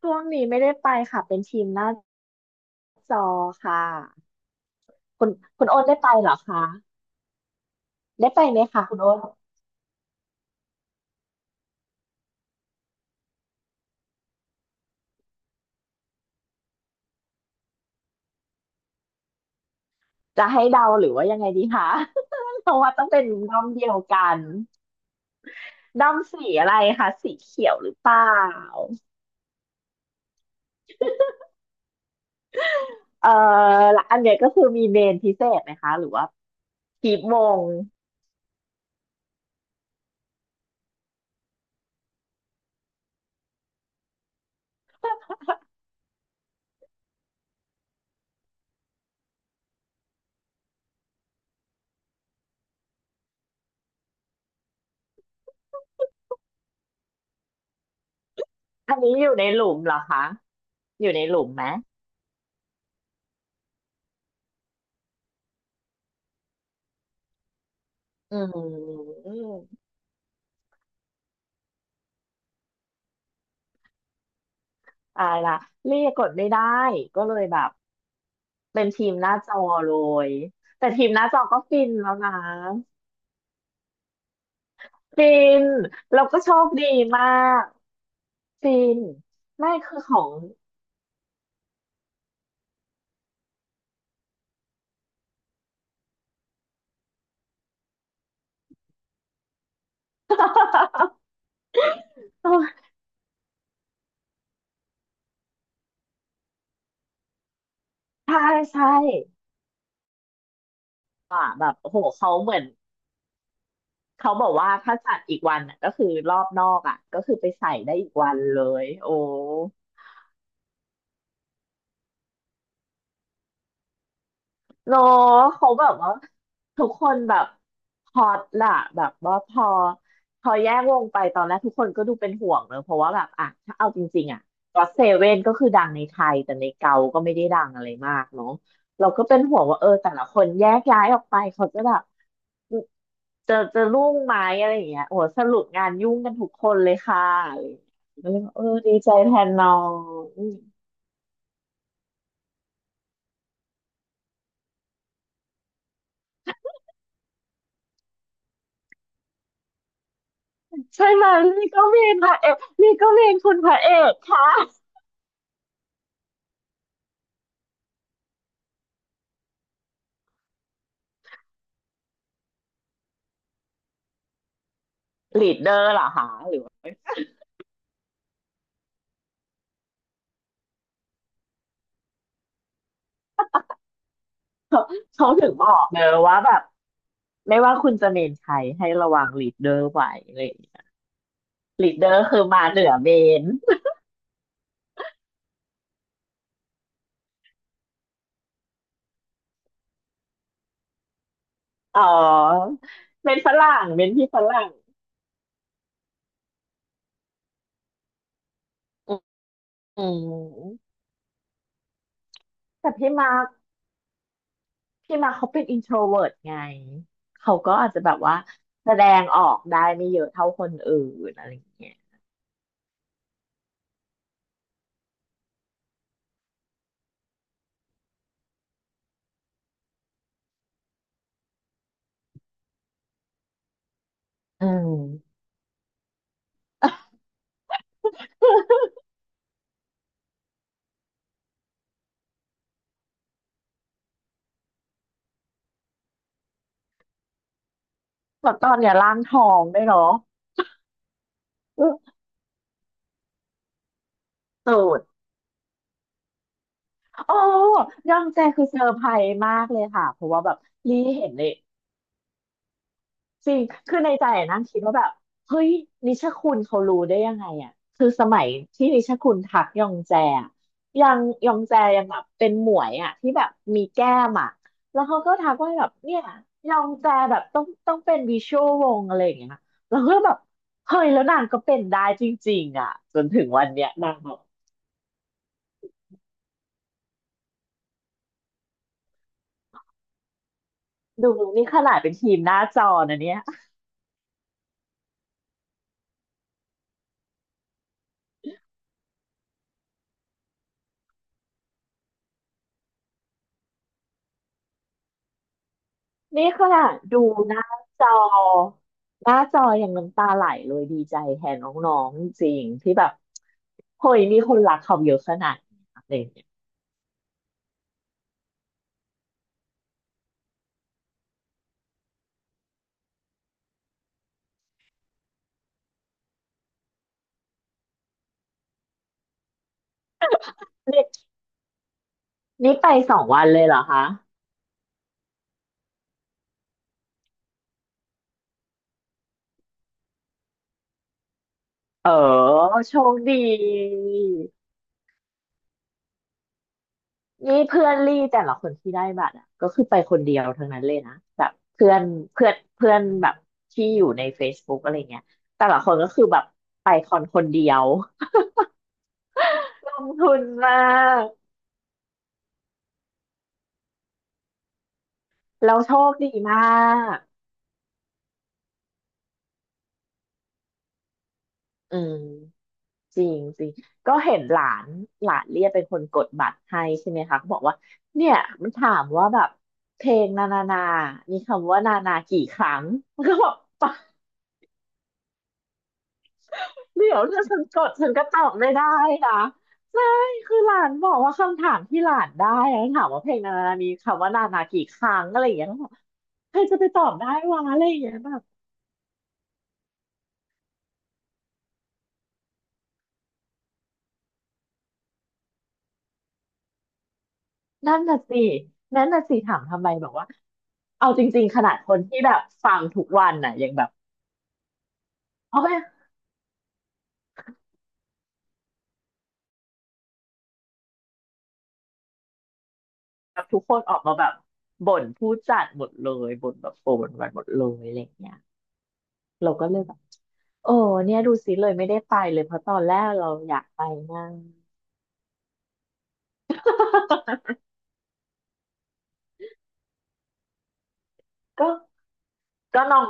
ช่วงนี้ไม่ได้ไปค่ะเป็นทีมหน้าจอค่ะคุณคุณโอนได้ไปเหรอคะได้ไปไหมคะคุณโอนจะให้เดาหรือว่ายังไงดีคะ เพราะว่าต้องเป็นด้อมเดียวกันด้อมสีอะไรคะสีเขียวหรือเปล่าเอ่อและอันเนี้ยก็คือมีเมนพิเศษไหมคะหรือว่ากีบมงอันนี้อยู่ในหลุมเหรอคะอยู่ในหลุมไหมอืมตายละเรียกกดไม่ได้ก็เลยแบบ เป็นทีมหน้าจอเลย แต่ทีมหน้าจอก็ฟินแล้วนะ ฟินเราก็โชคดีมาก ฟินไม่คือของ ใช่ใช่อ่ะแบบโอ้โหเขาเหมือนเขาบอกว่าถ้าจัดอีกวันน่ะก็คือรอบนอกอ่ะก็คือไปใส่ได้อีกวันเลยโอ้ เนาะเขาแบบว่าทุกคนแบบฮอตล่ะแบบว่าพอแยกวงไปตอนแรกทุกคนก็ดูเป็นห่วงเนอะเพราะว่าแบบอ่ะถ้าเอาจริงๆอ่ะก็เซเว่นก็คือดังในไทยแต่ในเกาก็ไม่ได้ดังอะไรมากเนาะเราก็เป็นห่วงว่าเออแต่ละคนแยกย้ายออกไปเขาจะแบบจะรุ่งไหมอะไรอย่างเงี้ยโอ้โหสรุปงานยุ่งกันทุกคนเลยค่ะอะไรอย่างเงี้ยก็เลยบอกเออดีใจแทนน้องใช่ไหมนี่ก็เมนพระเอกนี่ก็เมนคุณพระเอกค่ะ ลีดเดอร์เหรอคะหรือเขาถึงบอกเนอะว่าแบบไม่ว่าคุณจะเมนใครให้ระวังลีดเดอร์ไว้อะไรอย่างเลยลีดเดอร์คือมาเหนือเมนอ๋อเป็นฝรั่งเป็นพี่ฝรั่งอืมแต่พี่มาร์คพี่มาร์คเขาเป็นอินโทรเวิร์ตไงเขาก็อาจจะแบบว่าแสดงออกได้ไม่เยอะเท่าคนอื่นอะไรอย่างเงี้ยอืมแบบตอนเนี้ยร่างทองได้วยเนาะอื้อสุดโอ้ยองแจคือเซอร์ไพรส์มากเลยค่ะเพราะว่าแบบรีเห็นเลย จริงคือในใจอะนั่งคิดว่าแบบเฮ้ยนิชคุณเขารู้ได้ยังไงอ่ะคือสมัยที่นิชคุณทักยองแจอะยังยองแจยังแบบเป็นหมวยอ่ะที่แบบมีแก้มอ่ะแล้วเขาก็ทักว่าแบบเนี่ยยองแจแบบต้องเป็นวิชวลวงอะไรอย่างเงี้ยแล้วก็แบบเฮ้ยแล้วนางก็เป็นได้จริงๆอ่ะจนถึงวันเนี้ยนางแบบดูนี่ขนาดเป็นทีมหน้าจอนะเนี่ย นี่ขนาดดูหน้าจอหน้าจออย่างน้ำตาไหลเลยดีใจแทนน้องๆจริงๆที่แบบเฮ้ยมีคนรักเขาเยอะขนาดนี้อะไรอย่างเงี้ยนี่นี่ไปสองวันเลยเหรอคะเออโชคดีนี่เพื่อนลี่แต่ละคนที่ได้บัตรอ่ะก็คือไปคนเดียวทั้งนั้นเลยนะแบบเพื่อนเพื่อนเพื่อนแบบที่อยู่ใน Facebook อะไรเงี้ยแต่ละคนก็คือแบบไปคอนคนเดียว ลงทุนมากเราโชคดีมาก อืมจริงจริงก็เห็นหลานหลานเรียกเป็นคนกดบัตรให้ใช่ไหมคะก็บอกว่าเนี่ยมันถามว่าแบบเพลงนานานามีคำว่านานากี่ครั้งมันก็บอกปะเดี๋ยวถ้าฉันกดฉันก็ตอบไม่ได้นะใช่คือหลานบอกว่าคำถามที่หลานได้อะถามว่าเพลงนานานามีคำว่านานากี่ครั้งอะไรอย่างเงี้ยก็บอกใครจะไปตอบได้วะอะไรอย่างเงี้ยแบบนั่นน่ะสินั่นน่ะสิถามทำไมบอกว่าเอาจริงๆขนาดคนที่แบบฟังทุกวันน่ะยังแบบ เพราะแบบทุกคนออกมาแบบบ่นผู้จัดหมดเลยบ่นแบบโกรธบ่นวันหมดเลยอะไรอย่างเงี้ยเราก็เลยแบบโอ้เนี่ยดูสิเลยไม่ได้ไปเลยเพราะตอนแรกเราอยากไปมาก ก็ก็น้อง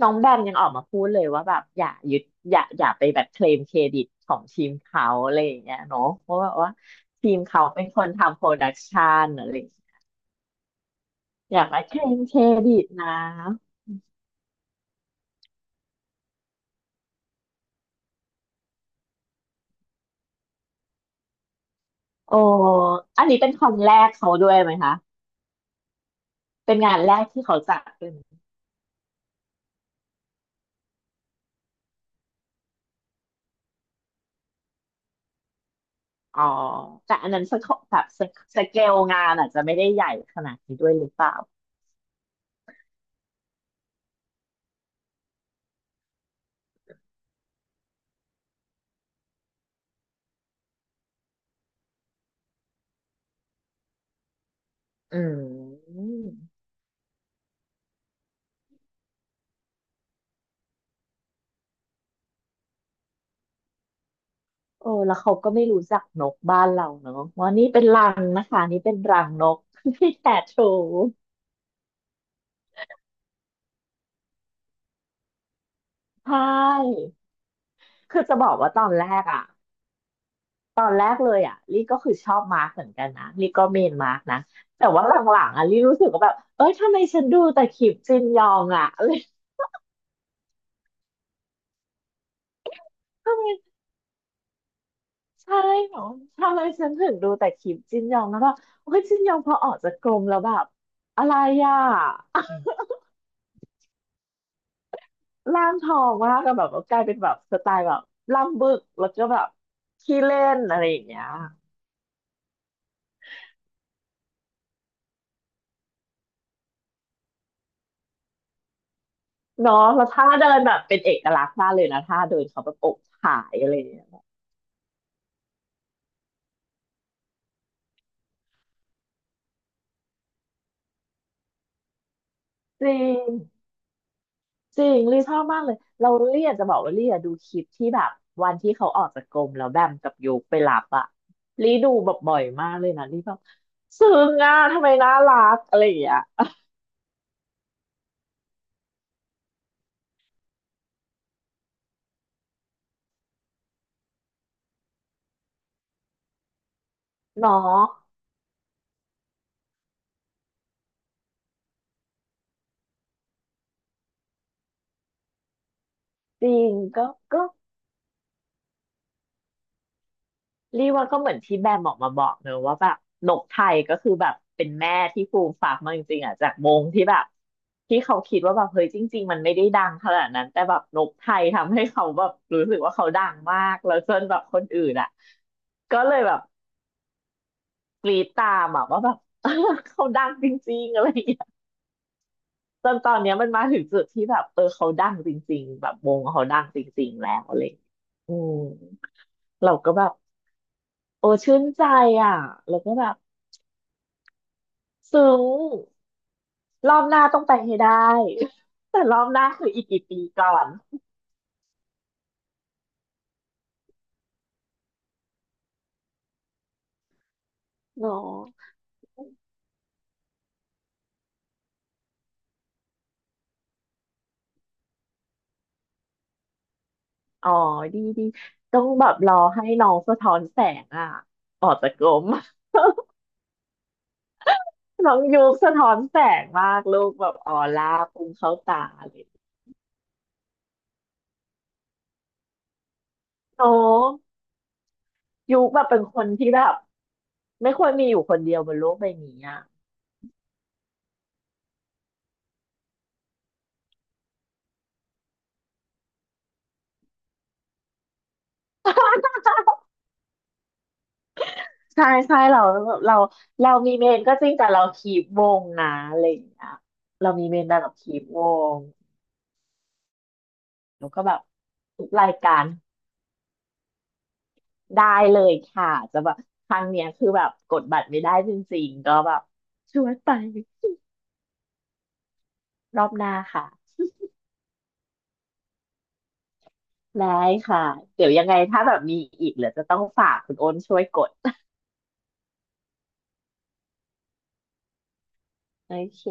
น้องแบมยังออกมาพูดเลยว่าแบบอย่ายึดอย่าไปแบบเคลมเครดิตของทีมเขาอะไรอย่างเงี้ยเนาะเพราะว่าทีมเขาเป็นคนทำโปรดักชันอะไรอย่างเงี้ยอย่าไปเคลมเครดิตนะโอ้อันนี้เป็นคนแรกเขาด้วยไหมคะ เป็นงานแรกที่เขาจัดเป็นอ๋อแต่อันนั้นสกแบบสเกลงานอาจจะไม่ได้ใหญ่ขนาดนี้ด้วยหรือเปล่าอืมเออแล้วเขาก็ไม่รู้จักนกบ้านเราเนอะว่านี่เป็นรังนะคะนี่เป็นรังนก ที่แตะโชว์ใช่คือจะบอกว่าตอนแรกอะตอนแรกเลยอะลี่ก็คือชอบมาร์กเหมือนกันนะลี่ก็เมนมาร์กนะแต่ว่าหลังๆอะลี่รู้สึกว่าแบบเอ้ยทำไมฉันดูแต่คลิปจินยองอะ เอ้ยทำไม ใช่เหรอทำไมฉันถึงดูแต่คลิปจินยองแล้วก็โอ้ยจินยองพอออกจากกรมแล้วแบบอะไรอ่ะ ร่างทองมากก็แบบว่ากลายเป็นแบบสไตล์แบบล่ำบึกแล้วก็แบบขี้เล่นอะไรอย่างเงี้ยเนาะแล้วท่าเดินแบบเป็นเอกลักษณ์มากเลยนะท่าเดินเขาแบบอกถ่ายอะไรอย่างเงี้ยจริง จริงลี่ชอบมากเลยเราลี่อยากจะบอกว่าลี่อะดูคลิปที่แบบวันที่เขาออกจากกรมแล้วแบมกับโยกไปรับอะลี่ดูแบบบ่อยมากเลยนะลี่แบบซึ้งอะทำไมน่ารักอะไรอย่างเงี้ยเนาะจริงก็ลี่ว่าก็เหมือนที่แบมออกมาบอกเนอะว่าแบบนกไทยก็คือแบบเป็นแม่ที่ฟูมฝากมาจริงๆอะจากมงที่แบบที่เขาคิดว่าแบบเฮ้ยจริงๆมันไม่ได้ดังขนาดนั้นแต่แบบนกไทยทำให้เขาแบบรู้สึกว่าเขาดังมากแล้วจนแบบคนอื่นอะก็เลยแบบ กรีดตามอะว่าแบบ เขาดังจริงๆอะไรอย่างเงี้ยจนตอนเนี้ยมันมาถึงจุดที่แบบเออเขาดังจริงๆแบบวงเขาดังจริงๆแล้วอะไรอย่างเงี้ยอืมเราก็แบบโอ้ชื่นใจอ่ะแล้วก็แบบซึ้งรอบหน้าต้องไปให้ได้ แต่รอบหน้าคืออีกกี่ปีก่อนเนาะอ๋อดีต้องแบบรอให้น้องสะท้อนแสงอ่ะออกจากกลม น้องยุคสะท้อนแสงมากลูกแบบออร่าพุ่งเข้าตาเลยโอ้ ยุคแบบเป็นคนที่แบบไม่ควรมีอยู่คนเดียวบนโลกใบนี้อ่ะ ใช่ใช่เราเรามีเมนก็จริงแต่เราคีปวงนะอะไรอย่างเงี้ยเรามีเมนแต่เราคีปวงแล้วก็แบบทุกรายการได้เลยค่ะจะแบบครั้งเนี้ยคือแบบกดบัตรไม่ได้จริงๆก็แบบชวนไปรอบหน้าค่ะได้ค่ะเดี๋ยวยังไงถ้าแบบมีอีกเหลือจะต้องฝากคุณโอนช่วยกดโอเค